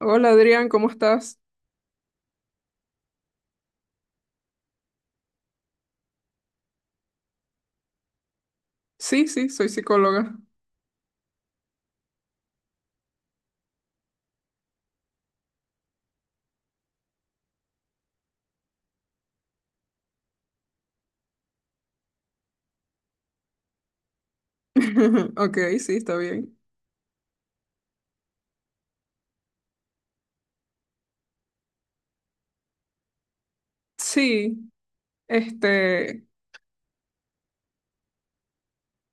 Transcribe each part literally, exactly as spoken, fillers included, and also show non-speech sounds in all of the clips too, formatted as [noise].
Hola Adrián, ¿cómo estás? Sí, sí, soy psicóloga. [laughs] Ok, sí, está bien. Sí, este,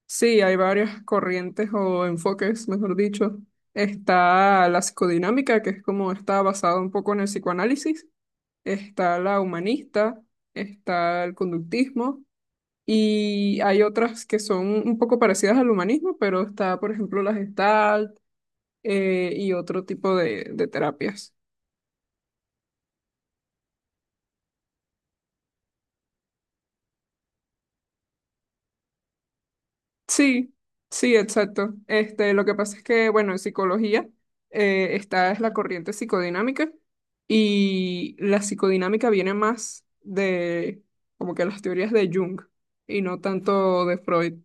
sí, hay varias corrientes o enfoques, mejor dicho. Está la psicodinámica, que es como está basada un poco en el psicoanálisis. Está la humanista, está el conductismo y hay otras que son un poco parecidas al humanismo, pero está, por ejemplo, la Gestalt eh, y otro tipo de de terapias. Sí, sí, exacto. Este, lo que pasa es que, bueno, en psicología, eh, esta es la corriente psicodinámica y la psicodinámica viene más de como que las teorías de Jung y no tanto de Freud.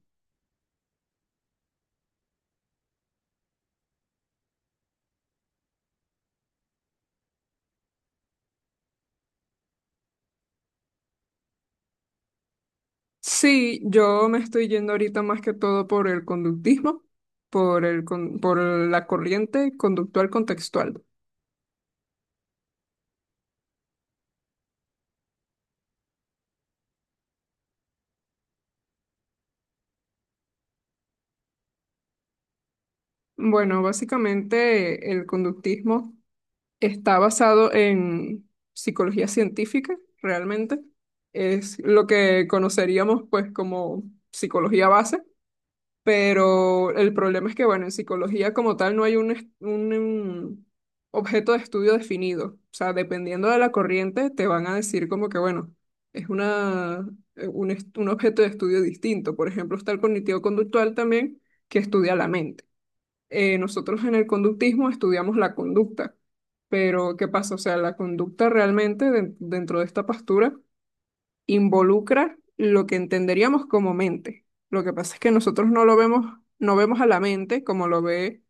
Sí, yo me estoy yendo ahorita más que todo por el conductismo, por el, con- por la corriente conductual contextual. Bueno, básicamente el conductismo está basado en psicología científica, realmente. Es lo que conoceríamos pues como psicología base, pero el problema es que, bueno, en psicología como tal no hay un, est- un, um, objeto de estudio definido. O sea, dependiendo de la corriente, te van a decir como que, bueno, es una, eh, un, est- un objeto de estudio distinto. Por ejemplo, está el cognitivo-conductual también, que estudia la mente. Eh, nosotros en el conductismo estudiamos la conducta, pero ¿qué pasa? O sea, la conducta realmente den- dentro de esta pastura involucra lo que entenderíamos como mente. Lo que pasa es que nosotros no lo vemos, no vemos a la mente como lo ve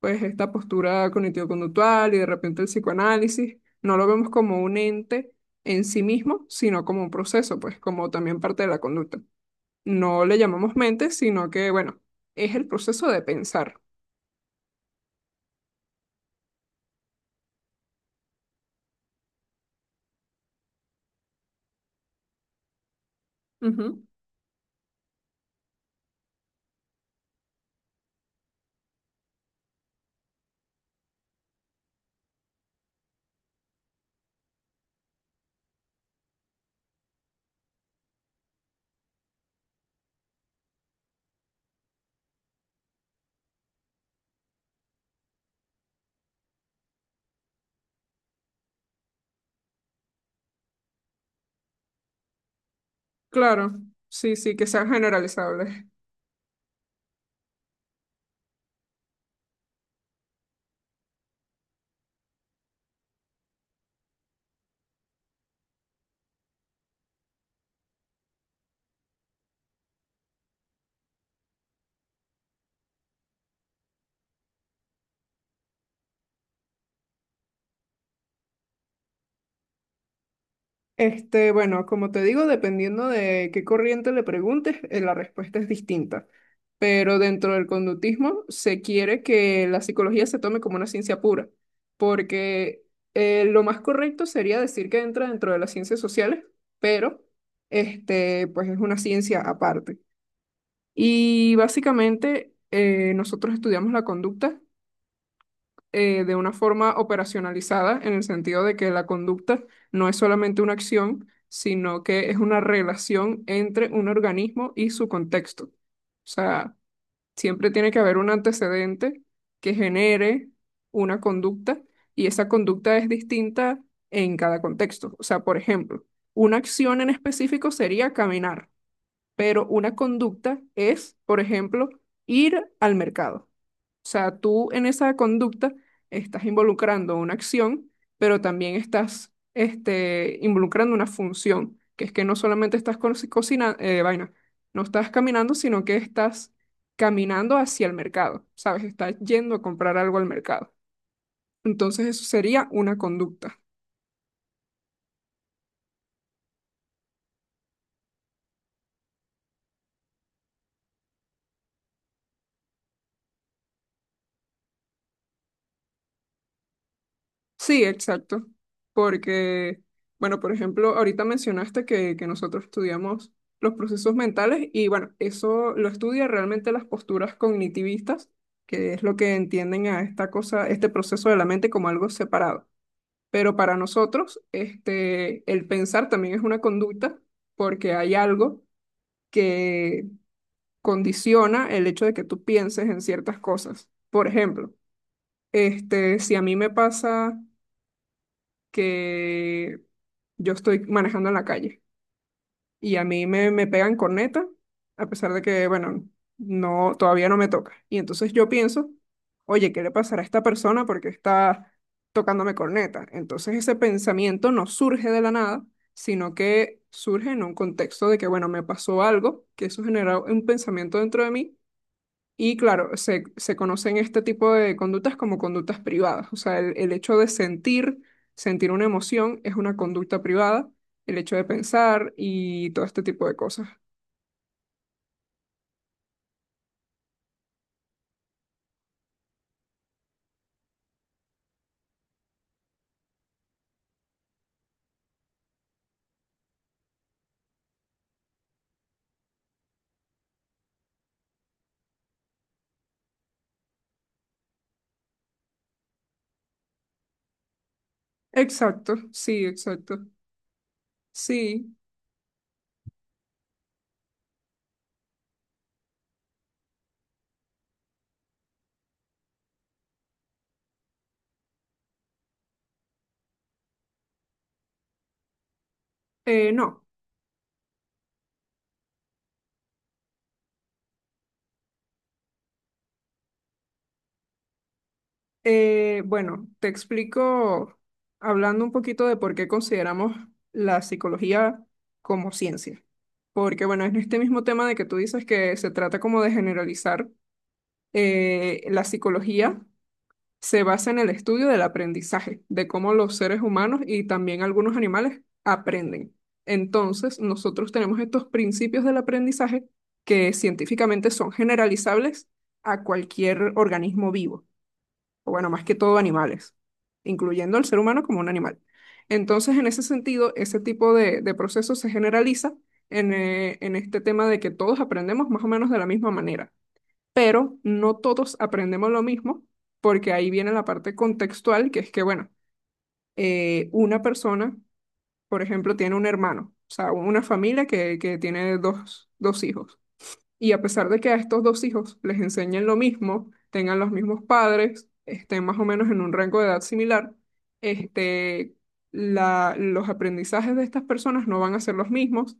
pues esta postura cognitivo-conductual y de repente el psicoanálisis, no lo vemos como un ente en sí mismo, sino como un proceso, pues como también parte de la conducta. No le llamamos mente, sino que, bueno, es el proceso de pensar. Ujú. Claro, sí, sí, que sean generalizables. Este, bueno, como te digo, dependiendo de qué corriente le preguntes, eh, la respuesta es distinta. Pero dentro del conductismo se quiere que la psicología se tome como una ciencia pura, porque eh, lo más correcto sería decir que entra dentro de las ciencias sociales, pero este, pues es una ciencia aparte. Y básicamente eh, nosotros estudiamos la conducta eh, de una forma operacionalizada, en el sentido de que la conducta no es solamente una acción, sino que es una relación entre un organismo y su contexto. O sea, siempre tiene que haber un antecedente que genere una conducta y esa conducta es distinta en cada contexto. O sea, por ejemplo, una acción en específico sería caminar, pero una conducta es, por ejemplo, ir al mercado. O sea, tú en esa conducta estás involucrando una acción, pero también estás este, involucrando una función, que es que no solamente estás cocinando, vaina, no estás caminando, sino que estás caminando hacia el mercado, ¿sabes? Estás yendo a comprar algo al mercado. Entonces eso sería una conducta. Sí, exacto. Porque, bueno, por ejemplo, ahorita mencionaste que, que nosotros estudiamos los procesos mentales y bueno, eso lo estudia realmente las posturas cognitivistas, que es lo que entienden a esta cosa, este proceso de la mente como algo separado. Pero para nosotros, este, el pensar también es una conducta porque hay algo que condiciona el hecho de que tú pienses en ciertas cosas. Por ejemplo, este, si a mí me pasa que yo estoy manejando en la calle y a mí me, me pegan corneta, a pesar de que, bueno, no, todavía no me toca. Y entonces yo pienso, oye, ¿qué le pasará a esta persona porque está tocándome corneta? Entonces ese pensamiento no surge de la nada, sino que surge en un contexto de que, bueno, me pasó algo, que eso generó un pensamiento dentro de mí y claro, se, se conocen este tipo de conductas como conductas privadas. O sea, el, el hecho de sentir, sentir, una emoción es una conducta privada, el hecho de pensar y todo este tipo de cosas. Exacto, sí, exacto. Sí, eh, no. Eh, bueno, te explico hablando un poquito de por qué consideramos la psicología como ciencia. Porque bueno, en este mismo tema de que tú dices que se trata como de generalizar eh, la psicología. Se basa en el estudio del aprendizaje, de cómo los seres humanos y también algunos animales aprenden. Entonces, nosotros tenemos estos principios del aprendizaje que científicamente son generalizables a cualquier organismo vivo, o bueno, más que todo animales, incluyendo al ser humano como un animal. Entonces, en ese sentido, ese tipo de, de proceso se generaliza en, eh, en este tema de que todos aprendemos más o menos de la misma manera pero no todos aprendemos lo mismo, porque ahí viene la parte contextual, que es que, bueno, eh, una persona, por ejemplo, tiene un hermano, o sea, una familia que, que tiene dos, dos hijos. Y a pesar de que a estos dos hijos les enseñen lo mismo, tengan los mismos padres, estén más o menos en un rango de edad similar, este, la, los aprendizajes de estas personas no van a ser los mismos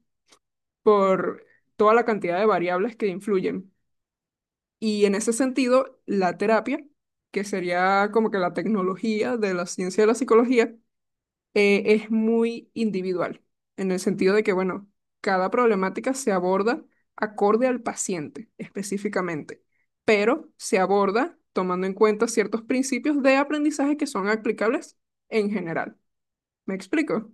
por toda la cantidad de variables que influyen. Y en ese sentido, la terapia, que sería como que la tecnología de la ciencia de la psicología, eh, es muy individual, en el sentido de que, bueno, cada problemática se aborda acorde al paciente específicamente, pero se aborda tomando en cuenta ciertos principios de aprendizaje que son aplicables en general. ¿Me explico?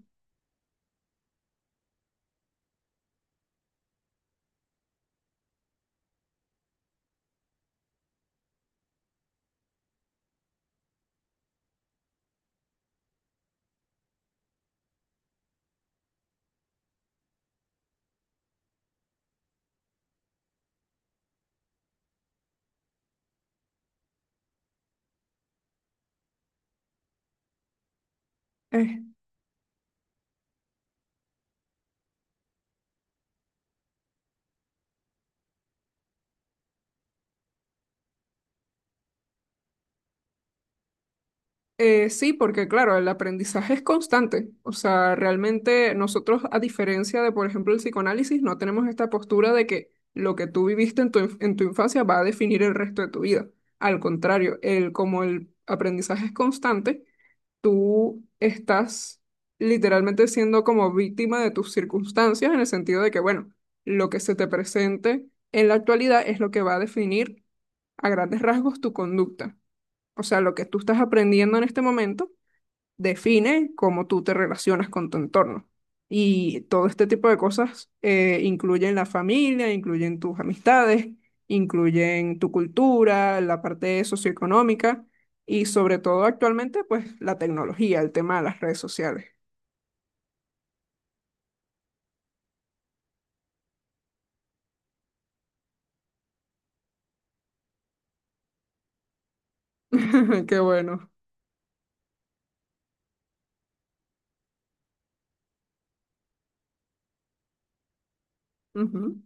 Eh, sí, porque claro, el aprendizaje es constante. O sea, realmente nosotros, a diferencia de, por ejemplo, el psicoanálisis, no tenemos esta postura de que lo que tú viviste en tu, inf- en tu infancia va a definir el resto de tu vida. Al contrario, el, como el aprendizaje es constante, tú estás literalmente siendo como víctima de tus circunstancias en el sentido de que, bueno, lo que se te presente en la actualidad es lo que va a definir a grandes rasgos tu conducta. O sea, lo que tú estás aprendiendo en este momento define cómo tú te relacionas con tu entorno. Y todo este tipo de cosas eh, incluyen la familia, incluyen tus amistades, incluyen tu cultura, la parte socioeconómica y sobre todo actualmente, pues la tecnología, el tema de las redes sociales. [laughs] Qué bueno. Ujú.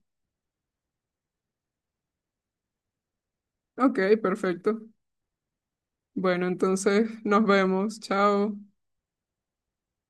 Ok, perfecto. Bueno, entonces nos vemos. Chao.